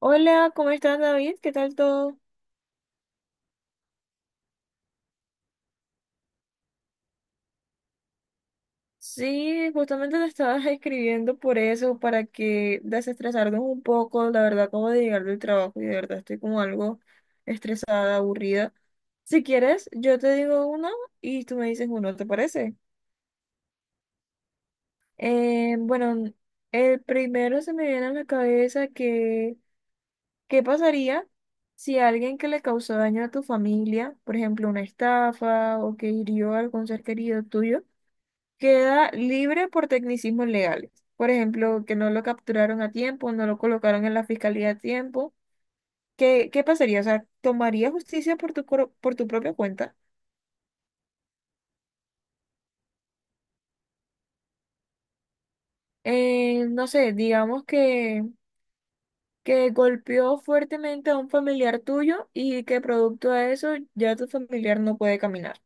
Hola, ¿cómo estás, David? ¿Qué tal todo? Sí, justamente te estaba escribiendo por eso, para que desestresarnos un poco. La verdad, acabo de llegar del trabajo y de verdad estoy como algo estresada, aburrida. Si quieres, yo te digo uno y tú me dices uno, ¿te parece? Bueno, el primero se me viene a la cabeza que, ¿qué pasaría si alguien que le causó daño a tu familia, por ejemplo, una estafa o que hirió a algún ser querido tuyo, queda libre por tecnicismos legales? Por ejemplo, que no lo capturaron a tiempo, no lo colocaron en la fiscalía a tiempo. ¿Qué pasaría? O sea, ¿tomaría justicia por por tu propia cuenta? No sé, digamos que golpeó fuertemente a un familiar tuyo y que producto de eso ya tu familiar no puede caminar.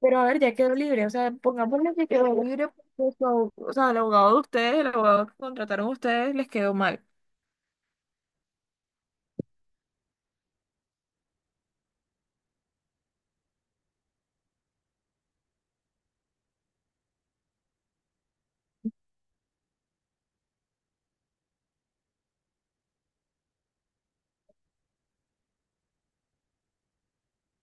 Pero a ver, ya quedó libre. O sea, pongámosle que quedó libre porque o sea, el abogado de ustedes, el abogado que contrataron ustedes, les quedó mal.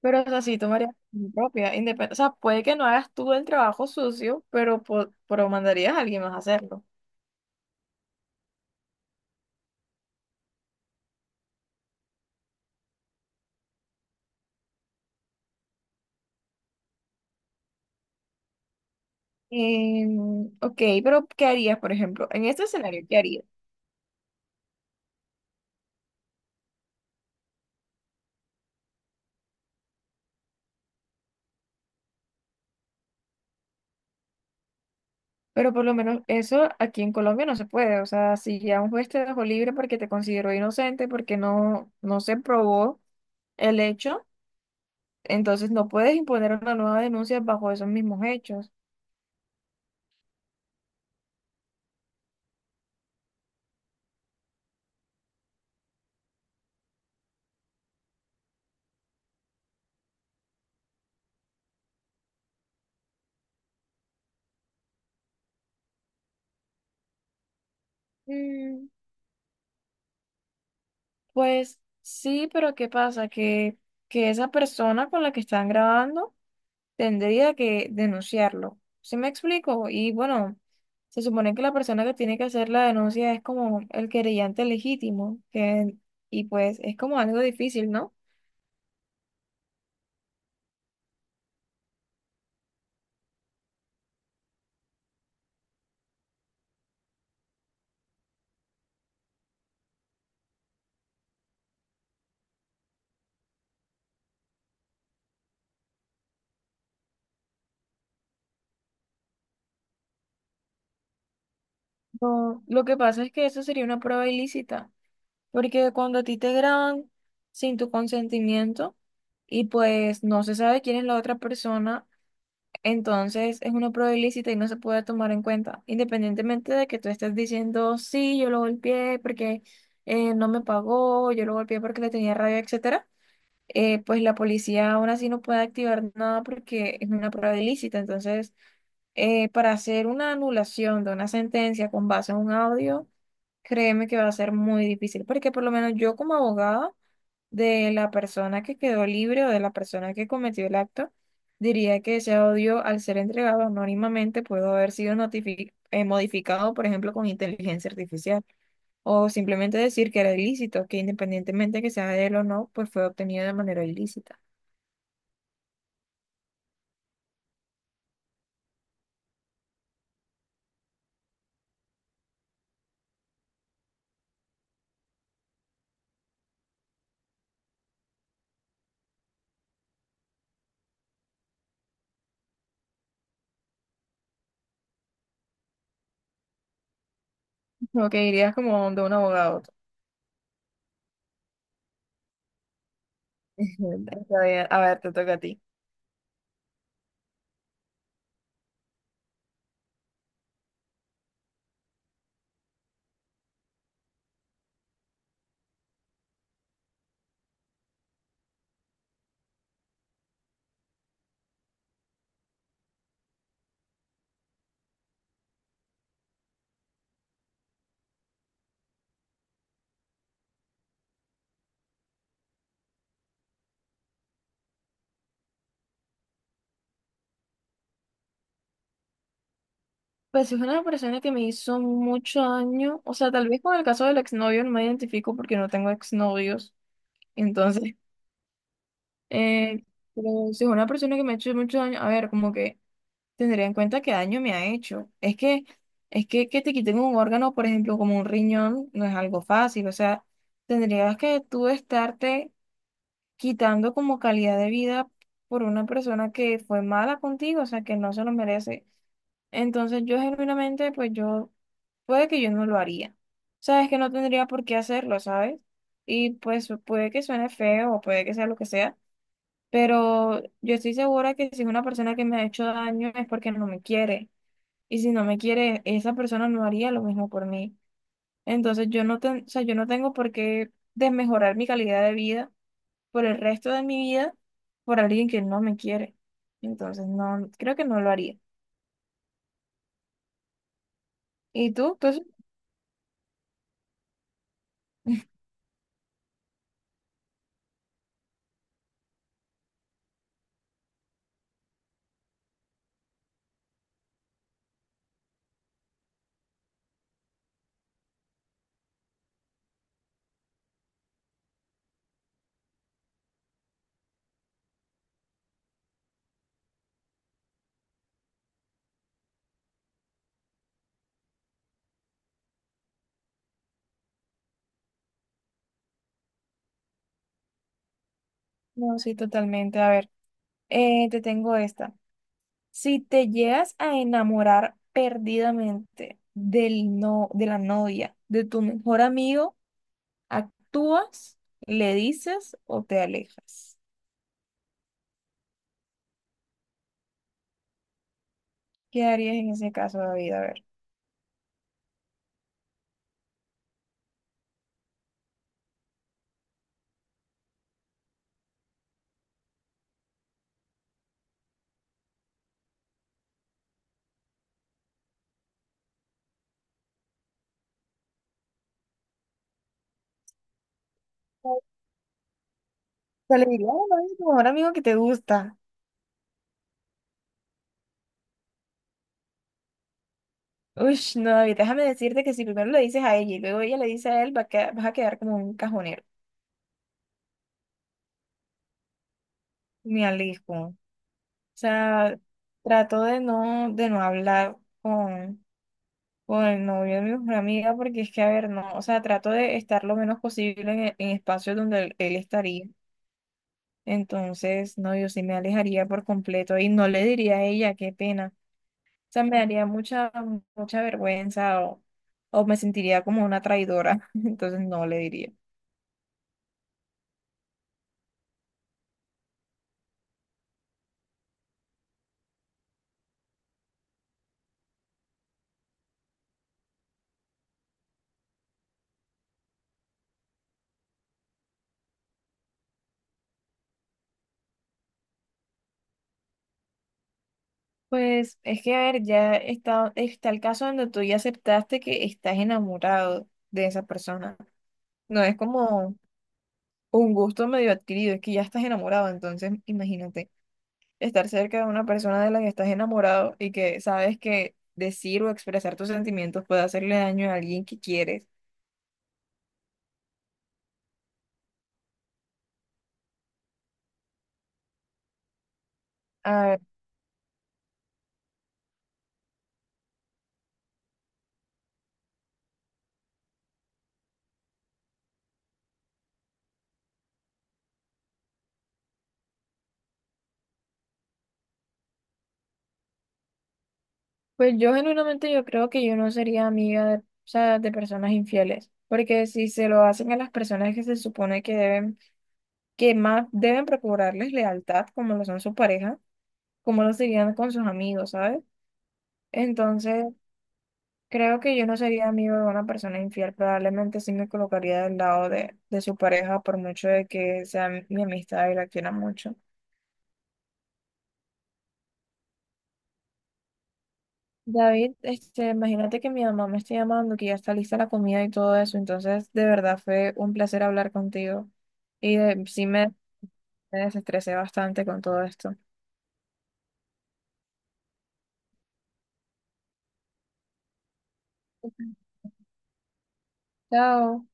Pero, o sea, si tú harías tu propia independencia, o sea, puede que no hagas tú el trabajo sucio, pero mandarías a alguien más a hacerlo. Ok, pero ¿qué harías, por ejemplo? En este escenario, ¿qué harías? Pero por lo menos eso aquí en Colombia no se puede. O sea, si ya un juez te dejó libre porque te consideró inocente, porque no se probó el hecho, entonces no puedes imponer una nueva denuncia bajo esos mismos hechos. Mm, pues sí, pero ¿qué pasa? Que esa persona con la que están grabando tendría que denunciarlo. ¿Sí me explico? Y bueno, se supone que la persona que tiene que hacer la denuncia es como el querellante legítimo, que, y pues es como algo difícil, ¿no? No, lo que pasa es que eso sería una prueba ilícita, porque cuando a ti te graban sin tu consentimiento y pues no se sabe quién es la otra persona, entonces es una prueba ilícita y no se puede tomar en cuenta, independientemente de que tú estés diciendo, sí, yo lo golpeé porque no me pagó, yo lo golpeé porque le tenía rabia, etcétera. Pues la policía aún así no puede activar nada porque es una prueba ilícita. Entonces, para hacer una anulación de una sentencia con base en un audio, créeme que va a ser muy difícil, porque por lo menos yo como abogada de la persona que quedó libre o de la persona que cometió el acto, diría que ese audio, al ser entregado anónimamente, pudo haber sido modificado, por ejemplo, con inteligencia artificial, o simplemente decir que era ilícito, que independientemente que sea de él o no, pues fue obtenido de manera ilícita. Lo que dirías como de un abogado. Está bien. A ver, te toca a ti. Pues es una persona que me hizo mucho daño, o sea, tal vez con el caso del exnovio no me identifico porque no tengo exnovios, entonces Eh, pero si es una persona que me ha hecho mucho daño, a ver, como que tendría en cuenta qué daño me ha hecho. Es que te quiten un órgano, por ejemplo, como un riñón, no es algo fácil. O sea, tendrías que tú estarte quitando como calidad de vida por una persona que fue mala contigo, o sea, que no se lo merece. Entonces yo genuinamente, pues yo, puede que yo no lo haría. Sabes que no tendría por qué hacerlo, ¿sabes? Y pues puede que suene feo o puede que sea lo que sea, pero yo estoy segura que si es una persona que me ha hecho daño es porque no me quiere. Y si no me quiere, esa persona no haría lo mismo por mí. Entonces yo no, ten- o sea, yo no tengo por qué desmejorar mi calidad de vida por el resto de mi vida por alguien que no me quiere. Entonces no, creo que no lo haría. ¿Y tú? ¿Tú sí? No, sí, totalmente. A ver, te tengo esta. Si te llegas a enamorar perdidamente del no, de la novia, de tu mejor amigo, ¿actúas, le dices o te alejas? ¿Qué harías en ese caso, David? A ver. Se le diría a tu mejor amigo que te gusta. Uy, no, David, déjame decirte que si primero le dices a ella y luego ella le dice a él, vas a quedar como un cajonero. Me alejo. O sea, trato de no hablar con el novio de mi mejor amiga porque es que, a ver, no, o sea, trato de estar lo menos posible en espacios donde él estaría. Entonces, no, yo sí me alejaría por completo y no le diría a ella, qué pena. O sea, me daría mucha vergüenza o me sentiría como una traidora. Entonces, no le diría. Pues es que, a ver, está el caso donde tú ya aceptaste que estás enamorado de esa persona. No es como un gusto medio adquirido, es que ya estás enamorado, entonces imagínate estar cerca de una persona de la que estás enamorado y que sabes que decir o expresar tus sentimientos puede hacerle daño a alguien que quieres. A ver, pues yo genuinamente yo creo que yo no sería amiga de, o sea, de personas infieles, porque si se lo hacen a las personas que se supone que deben, que más deben procurarles lealtad, como lo son su pareja, como lo serían con sus amigos, ¿sabes? Entonces, creo que yo no sería amigo de una persona infiel, probablemente sí me colocaría del lado de su pareja, por mucho de que sea mi amistad y la quiera mucho. David, este, imagínate que mi mamá me está llamando, que ya está lista la comida y todo eso, entonces de verdad fue un placer hablar contigo sí me me desestresé bastante con todo esto. Chao.